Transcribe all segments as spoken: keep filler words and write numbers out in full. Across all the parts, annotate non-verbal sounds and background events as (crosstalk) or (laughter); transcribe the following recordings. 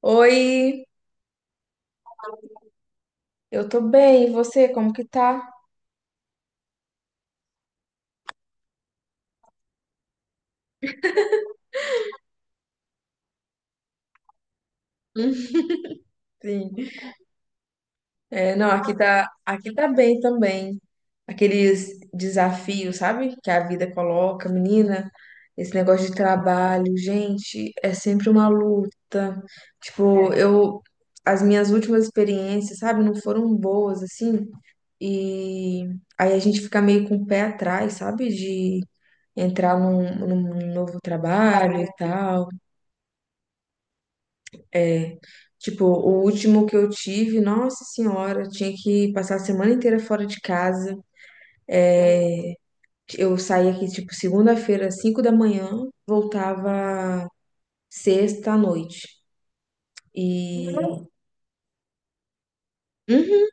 Oi, eu tô bem, e você, como que tá? Hum. Sim. É, não, aqui tá, aqui tá bem também. Aqueles desafios, sabe, que a vida coloca, menina, esse negócio de trabalho, gente, é sempre uma luta. Tipo, eu, as minhas últimas experiências, sabe, não foram boas, assim, e aí a gente fica meio com o pé atrás, sabe, de entrar num, num novo trabalho e tal. É, tipo, o último que eu tive, nossa senhora, tinha que passar a semana inteira fora de casa. Eu saía aqui, tipo, segunda-feira, cinco da manhã, voltava sexta à noite. E, Uhum.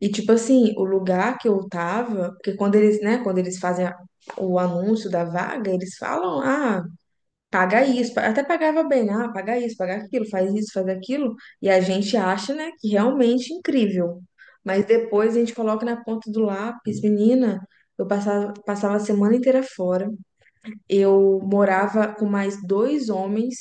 E tipo assim, o lugar que eu tava, porque quando eles, né, quando eles fazem a- o anúncio da vaga, eles falam, ah, paga isso, pa- até pagava bem, ah, paga isso, paga aquilo, faz isso, faz aquilo, e a gente acha, né, que realmente é incrível. Mas depois a gente coloca na ponta do lápis, menina, eu passava, passava a semana inteira fora. Eu morava com mais dois homens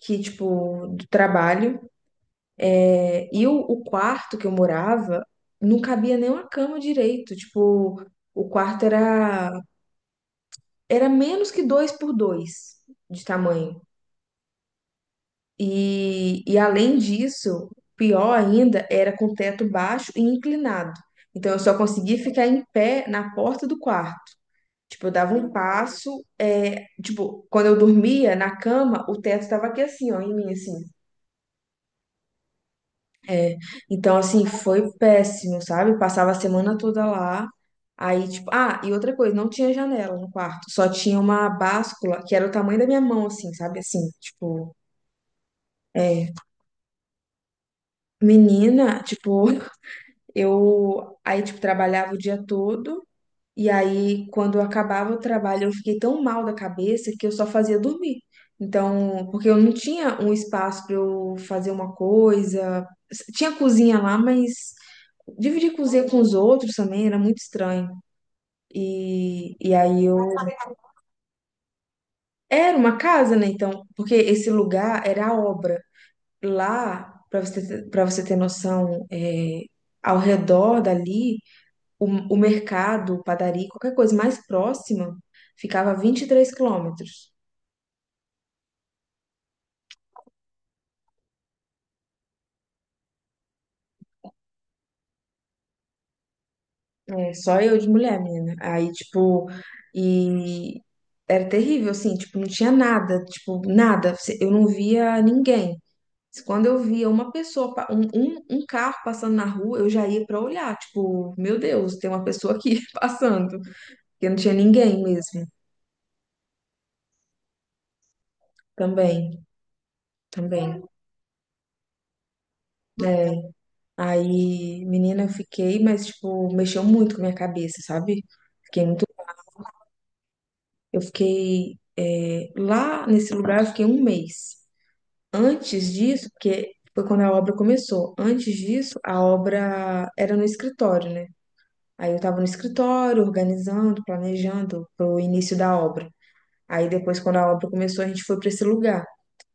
que, tipo, do trabalho, é, e o, o quarto que eu morava não cabia nem uma cama direito, tipo, o quarto era, era menos que dois por dois de tamanho. E, e além disso, pior ainda, era com teto baixo e inclinado. Então eu só conseguia ficar em pé na porta do quarto. Tipo, eu dava um passo, é, tipo, quando eu dormia na cama, o teto tava aqui assim, ó, em mim, assim. Então, assim, foi péssimo, sabe? Passava a semana toda lá. Aí, tipo, ah, e outra coisa, não tinha janela no quarto, só tinha uma báscula que era o tamanho da minha mão, assim, sabe? Assim, tipo, é, menina, tipo. Eu aí, tipo, trabalhava o dia todo, e aí, quando eu acabava o trabalho, eu fiquei tão mal da cabeça que eu só fazia dormir. Então, porque eu não tinha um espaço para eu fazer uma coisa. Tinha cozinha lá, mas dividir cozinha com os outros também era muito estranho. E, e aí eu. Era uma casa, né? Então, porque esse lugar era a obra. Lá, para você, para você ter noção, é, ao redor dali. O, o mercado, padaria, qualquer coisa mais próxima, ficava a vinte e três quilômetros. É, só eu de mulher, menina. Aí, tipo, e era terrível, assim, tipo, não tinha nada, tipo, nada. Eu não via ninguém. Quando eu via uma pessoa, pa- um, um, um carro passando na rua, eu já ia pra olhar, tipo, meu Deus, tem uma pessoa aqui (laughs) passando. Porque não tinha ninguém mesmo. Também, também. Aí, menina, eu fiquei, mas, tipo, mexeu muito com a minha cabeça, sabe? Fiquei muito. Eu fiquei. É, lá nesse lugar, eu fiquei um mês. Antes disso, porque foi quando a obra começou. Antes disso, a obra era no escritório, né? Aí eu tava no escritório, organizando, planejando pro início da obra. Aí depois, quando a obra começou, a gente foi pra esse lugar.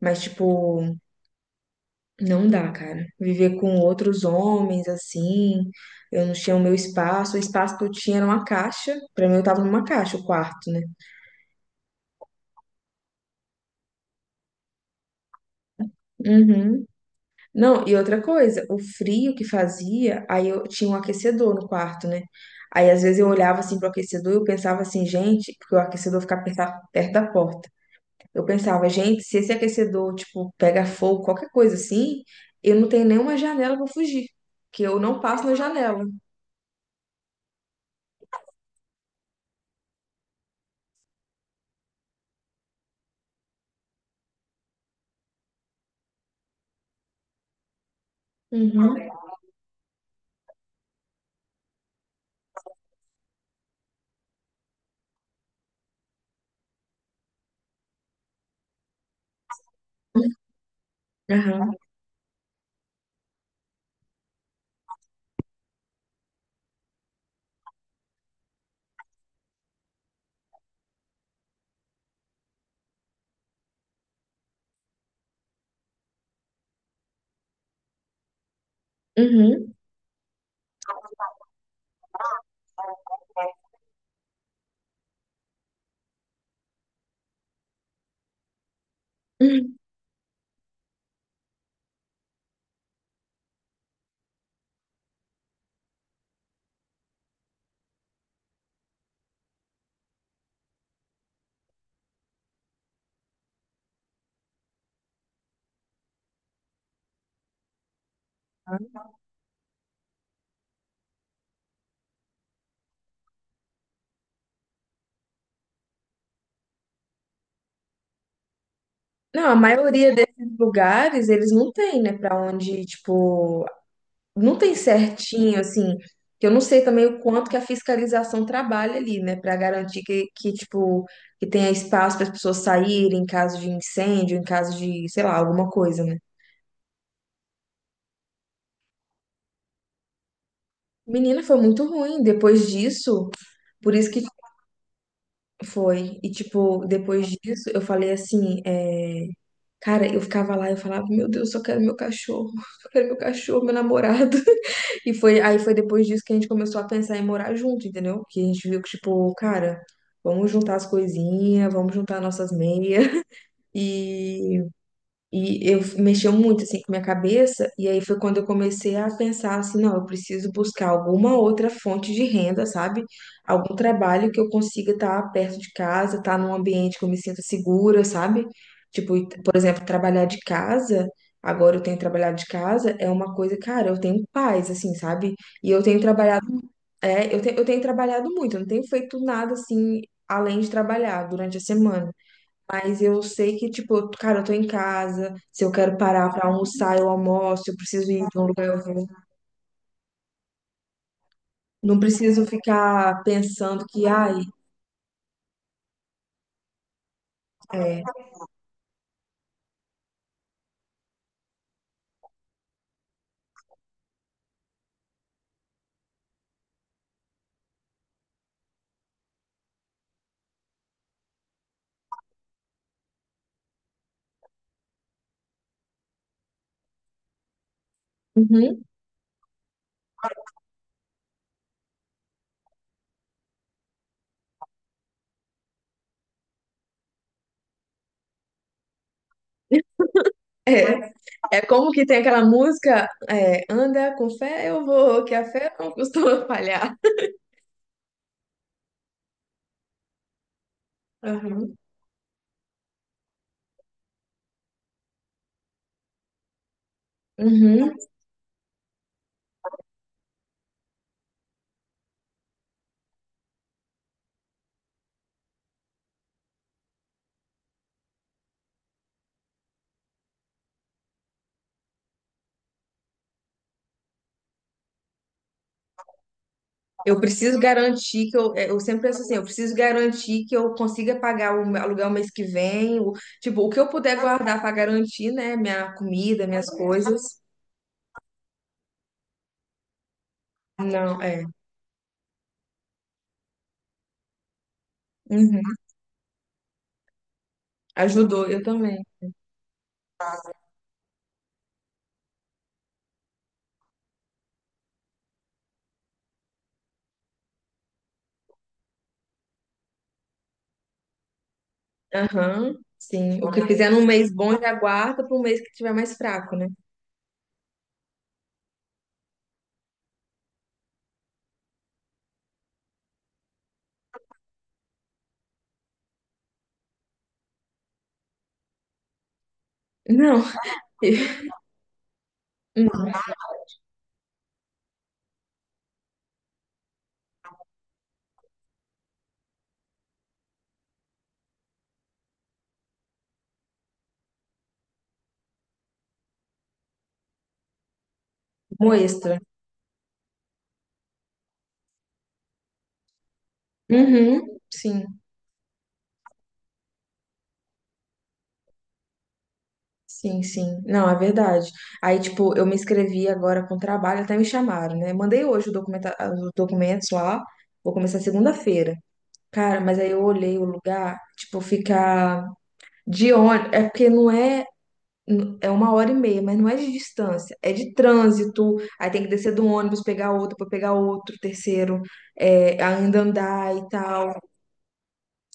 Mas, tipo. Não dá, cara. Viver com outros homens assim, eu não tinha o meu espaço. O espaço que eu tinha era uma caixa. Pra mim, eu tava numa caixa, o quarto, né? Uhum. Não, e outra coisa, o frio que fazia, aí eu tinha um aquecedor no quarto, né? Aí às vezes eu olhava assim pro aquecedor e eu pensava assim, gente, porque o aquecedor ficava perta- perto da porta. Eu pensava, gente, se esse aquecedor, tipo, pega fogo, qualquer coisa assim, eu não tenho nenhuma janela pra fugir, que eu não passo na janela. Uhum. Aham. Uhum. Uhum. Não, a maioria desses lugares, eles não tem, né, pra onde, tipo, não tem certinho, assim, que eu não sei também o quanto que a fiscalização trabalha ali, né, pra garantir que, que, tipo, que tenha espaço para as pessoas saírem em caso de incêndio, em caso de, sei lá, alguma coisa, né. Menina, foi muito ruim depois disso, por isso que foi. E, tipo, depois disso, eu falei assim, é, cara, eu ficava lá, eu falava, meu Deus, eu só quero meu cachorro, (laughs) eu quero meu cachorro, meu namorado. E foi, aí foi depois disso que a gente começou a pensar em morar junto, entendeu? Que a gente viu que, tipo, cara, vamos juntar as coisinhas, vamos juntar nossas meias. (laughs) E e eu mexeu muito assim com minha cabeça, e aí foi quando eu comecei a pensar assim, não, eu preciso buscar alguma outra fonte de renda, sabe? Algum trabalho que eu consiga estar perto de casa, estar num ambiente que eu me sinta segura, sabe? Tipo, e- por exemplo, trabalhar de casa, agora eu tenho trabalhado de casa, é uma coisa, cara, eu tenho paz, assim, sabe? E eu tenho trabalhado, é, eu tenho, eu tenho trabalhado muito, eu não tenho feito nada assim, além de trabalhar durante a semana. Mas eu sei que, tipo, eu- cara, eu tô em casa. Se eu quero parar pra almoçar, eu almoço. Eu preciso ir de um lugar, eu vou. Não preciso ficar pensando que, ai, é. Uhum. (laughs) É, é como que tem aquela música, é, anda com fé, eu vou, que a fé não costuma falhar. Uhum. Uhum. Eu preciso garantir que eu, é, eu sempre penso assim, eu preciso garantir que eu consiga pagar o meu aluguel mês que vem, o, tipo, o que eu puder guardar pra garantir, né, minha comida, minhas coisas. Não, é. Uhum. Ajudou, eu também. Aham, sim. O que fizer num mês bom já guarda para um mês que tiver mais fraco, né? Não, (laughs) hum, um extra. Uhum, sim, sim, sim. Não, é verdade. Aí, tipo, eu me inscrevi agora com trabalho, até me chamaram, né? Mandei hoje o documenta- os documentos lá, vou começar segunda-feira. Cara, mas aí eu olhei o lugar, tipo, ficar de ônibus. É porque não é. N- É uma hora e meia, mas não é de distância, é de trânsito. Aí tem que descer do ônibus, pegar outro, para pegar outro, terceiro, é, ainda andar e tal.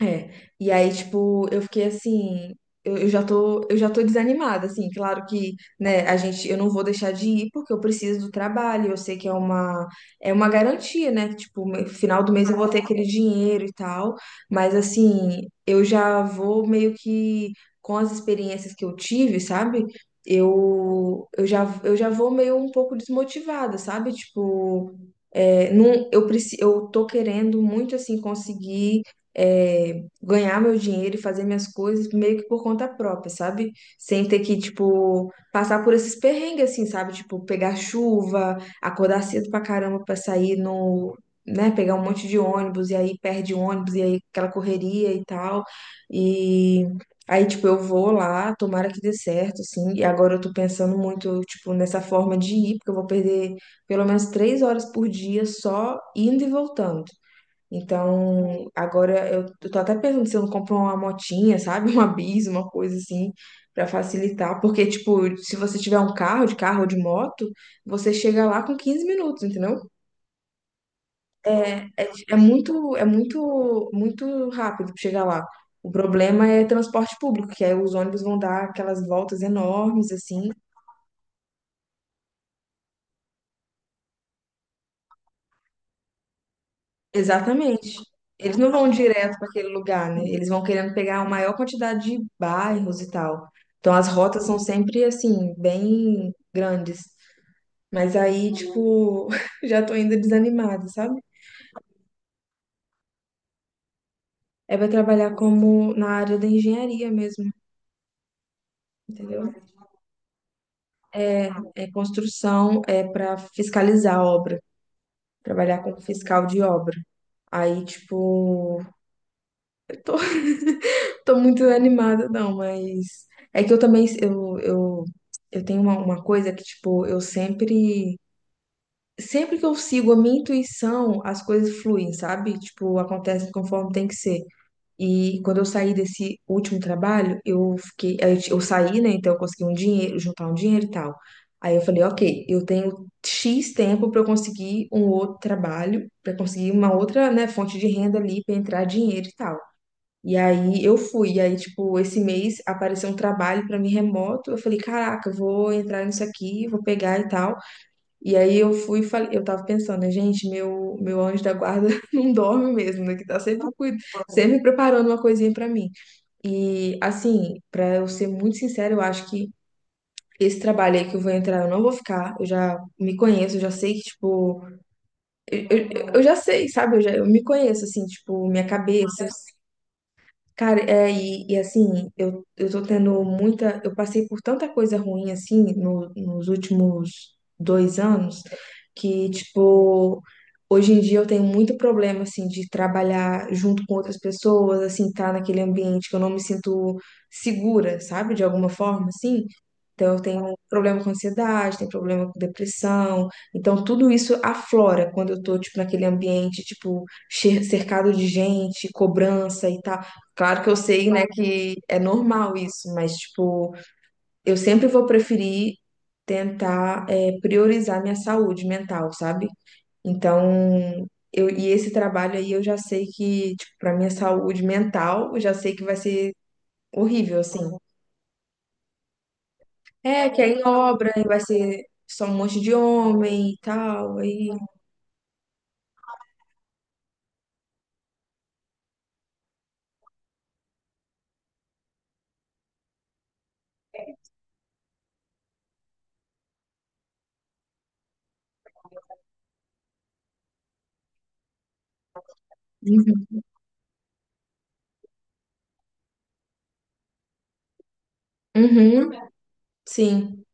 É, e aí, tipo, eu fiquei assim, eu, eu já tô, eu já tô, desanimada, assim, claro que, né, a gente, eu não vou deixar de ir porque eu preciso do trabalho, eu sei que é uma, é uma garantia, né, que, tipo, no final do mês eu vou ter aquele dinheiro e tal, mas, assim, eu já vou meio que, com as experiências que eu tive, sabe, eu, eu já, eu já vou meio um pouco desmotivada, sabe, tipo... É, não, eu, preci- eu tô querendo muito assim conseguir é, ganhar meu dinheiro e fazer minhas coisas meio que por conta própria, sabe? Sem ter que, tipo, passar por esses perrengues, assim, sabe? Tipo, pegar chuva, acordar cedo pra caramba pra sair no. Né, pegar um monte de ônibus e aí perde o ônibus e aí aquela correria e tal. E aí, tipo, eu vou lá, tomara que dê certo, assim. E agora eu tô pensando muito, tipo, nessa forma de ir, porque eu vou perder pelo menos três horas por dia só indo e voltando. Então, agora eu eu tô até pensando se eu não compro uma motinha, sabe? (laughs) Uma bis, uma coisa assim, pra facilitar. Porque, tipo, se você tiver um carro, de carro ou de moto, você chega lá com quinze minutos, entendeu? É muito, é muito, muito rápido pra chegar lá. O problema é transporte público, que aí os ônibus vão dar aquelas voltas enormes, assim. Exatamente. Eles não vão direto para aquele lugar, né? Eles vão querendo pegar a maior quantidade de bairros e tal. Então as rotas são sempre assim, bem grandes. Mas aí, tipo, (laughs) já tô ainda desanimada, sabe? É para trabalhar como na área da engenharia mesmo, entendeu? É construção, é para fiscalizar a obra, trabalhar como fiscal de obra. Aí, tipo, (laughs) eu tô Tô muito animada, não, mas é que eu também eu, eu, eu tenho uma, uma coisa que, tipo, eu sempre sempre que eu sigo a minha intuição, as coisas fluem, sabe? Tipo, acontecem conforme tem que ser. E quando eu saí desse último trabalho, eu fiquei, aí eu saí, né? Então eu consegui um dinheiro, juntar um dinheiro e tal. Aí eu falei, ok, eu tenho X tempo pra eu conseguir um outro trabalho, pra conseguir uma outra, né, fonte de renda ali, pra entrar dinheiro e tal. E aí eu fui, e aí, tipo, esse mês apareceu um trabalho pra mim remoto. Eu falei, caraca, eu vou entrar nisso aqui, vou pegar e tal. E aí eu fui e falei, eu tava pensando, né, gente, meu, meu anjo da guarda (laughs) não dorme mesmo, né? Que tá sempre, cuid- sempre preparando uma coisinha pra mim. E assim, pra eu ser muito sincera, eu acho que esse trabalho aí que eu vou entrar, eu não vou ficar. Eu já me conheço, eu já sei que, tipo, eu, eu, eu já sei, sabe? Eu já, eu me conheço, assim, tipo, minha cabeça. Cara, é, e, e assim, eu, eu tô tendo muita. Eu passei por tanta coisa ruim, assim, no- nos últimos dois anos, que, tipo, hoje em dia eu tenho muito problema, assim, de trabalhar junto com outras pessoas, assim, tá naquele ambiente que eu não me sinto segura, sabe? De alguma forma, assim. Então, eu tenho problema com ansiedade, tenho problema com depressão. Então, tudo isso aflora quando eu tô, tipo, naquele ambiente, tipo, che- cercado de gente, cobrança e tal. Claro que eu sei, né, que é normal isso, mas, tipo, eu sempre vou preferir tentar, é, priorizar minha saúde mental, sabe? Então, eu, e esse trabalho aí eu já sei que, tipo, pra minha saúde mental, eu já sei que vai ser horrível, assim. É, que é em obra, e vai ser só um monte de homem e tal, aí... Uhum, uhum, sim,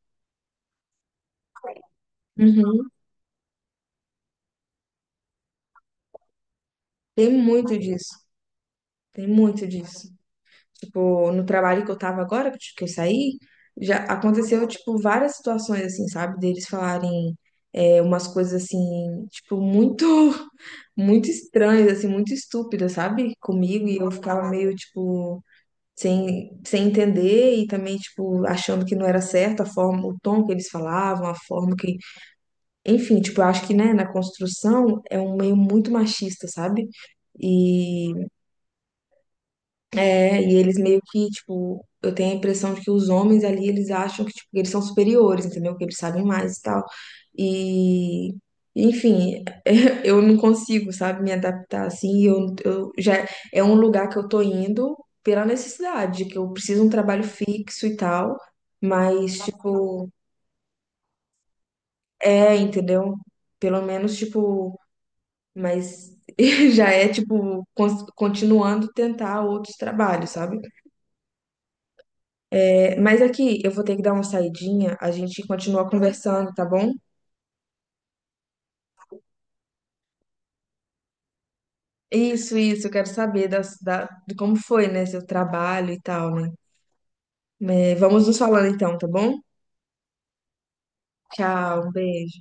uhum. Tem muito disso, tem muito disso. Tipo, no trabalho que eu tava agora, que eu saí, já aconteceu, tipo, várias situações, assim, sabe? Deles falarem é, umas coisas, assim, tipo, muito, (laughs) muito estranhas, assim, muito estúpidas, sabe? Comigo, e eu ficava meio, tipo, sem, sem entender e também, tipo, achando que não era certo a forma, o tom que eles falavam, a forma que... Enfim, tipo, eu acho que, né, na construção é um meio muito machista, sabe? É, e eles meio que, tipo, eu tenho a impressão de que os homens ali, eles acham que, tipo, que eles são superiores, entendeu? Que eles sabem mais e tal. E, enfim, (laughs) eu não consigo, sabe, me adaptar assim. Eu, eu já É um lugar que eu tô indo pela necessidade, que eu preciso de um trabalho fixo e tal, mas, tipo, é, entendeu? Pelo menos, tipo, mas (laughs) já é, tipo, cons- continuando tentar outros trabalhos, sabe? Mas aqui eu vou ter que dar uma saidinha, a gente continua conversando, tá bom? Isso, isso, eu quero saber das, da, de como foi, né, seu trabalho e tal, né? É, vamos nos falando então, tá bom? Tchau, um beijo.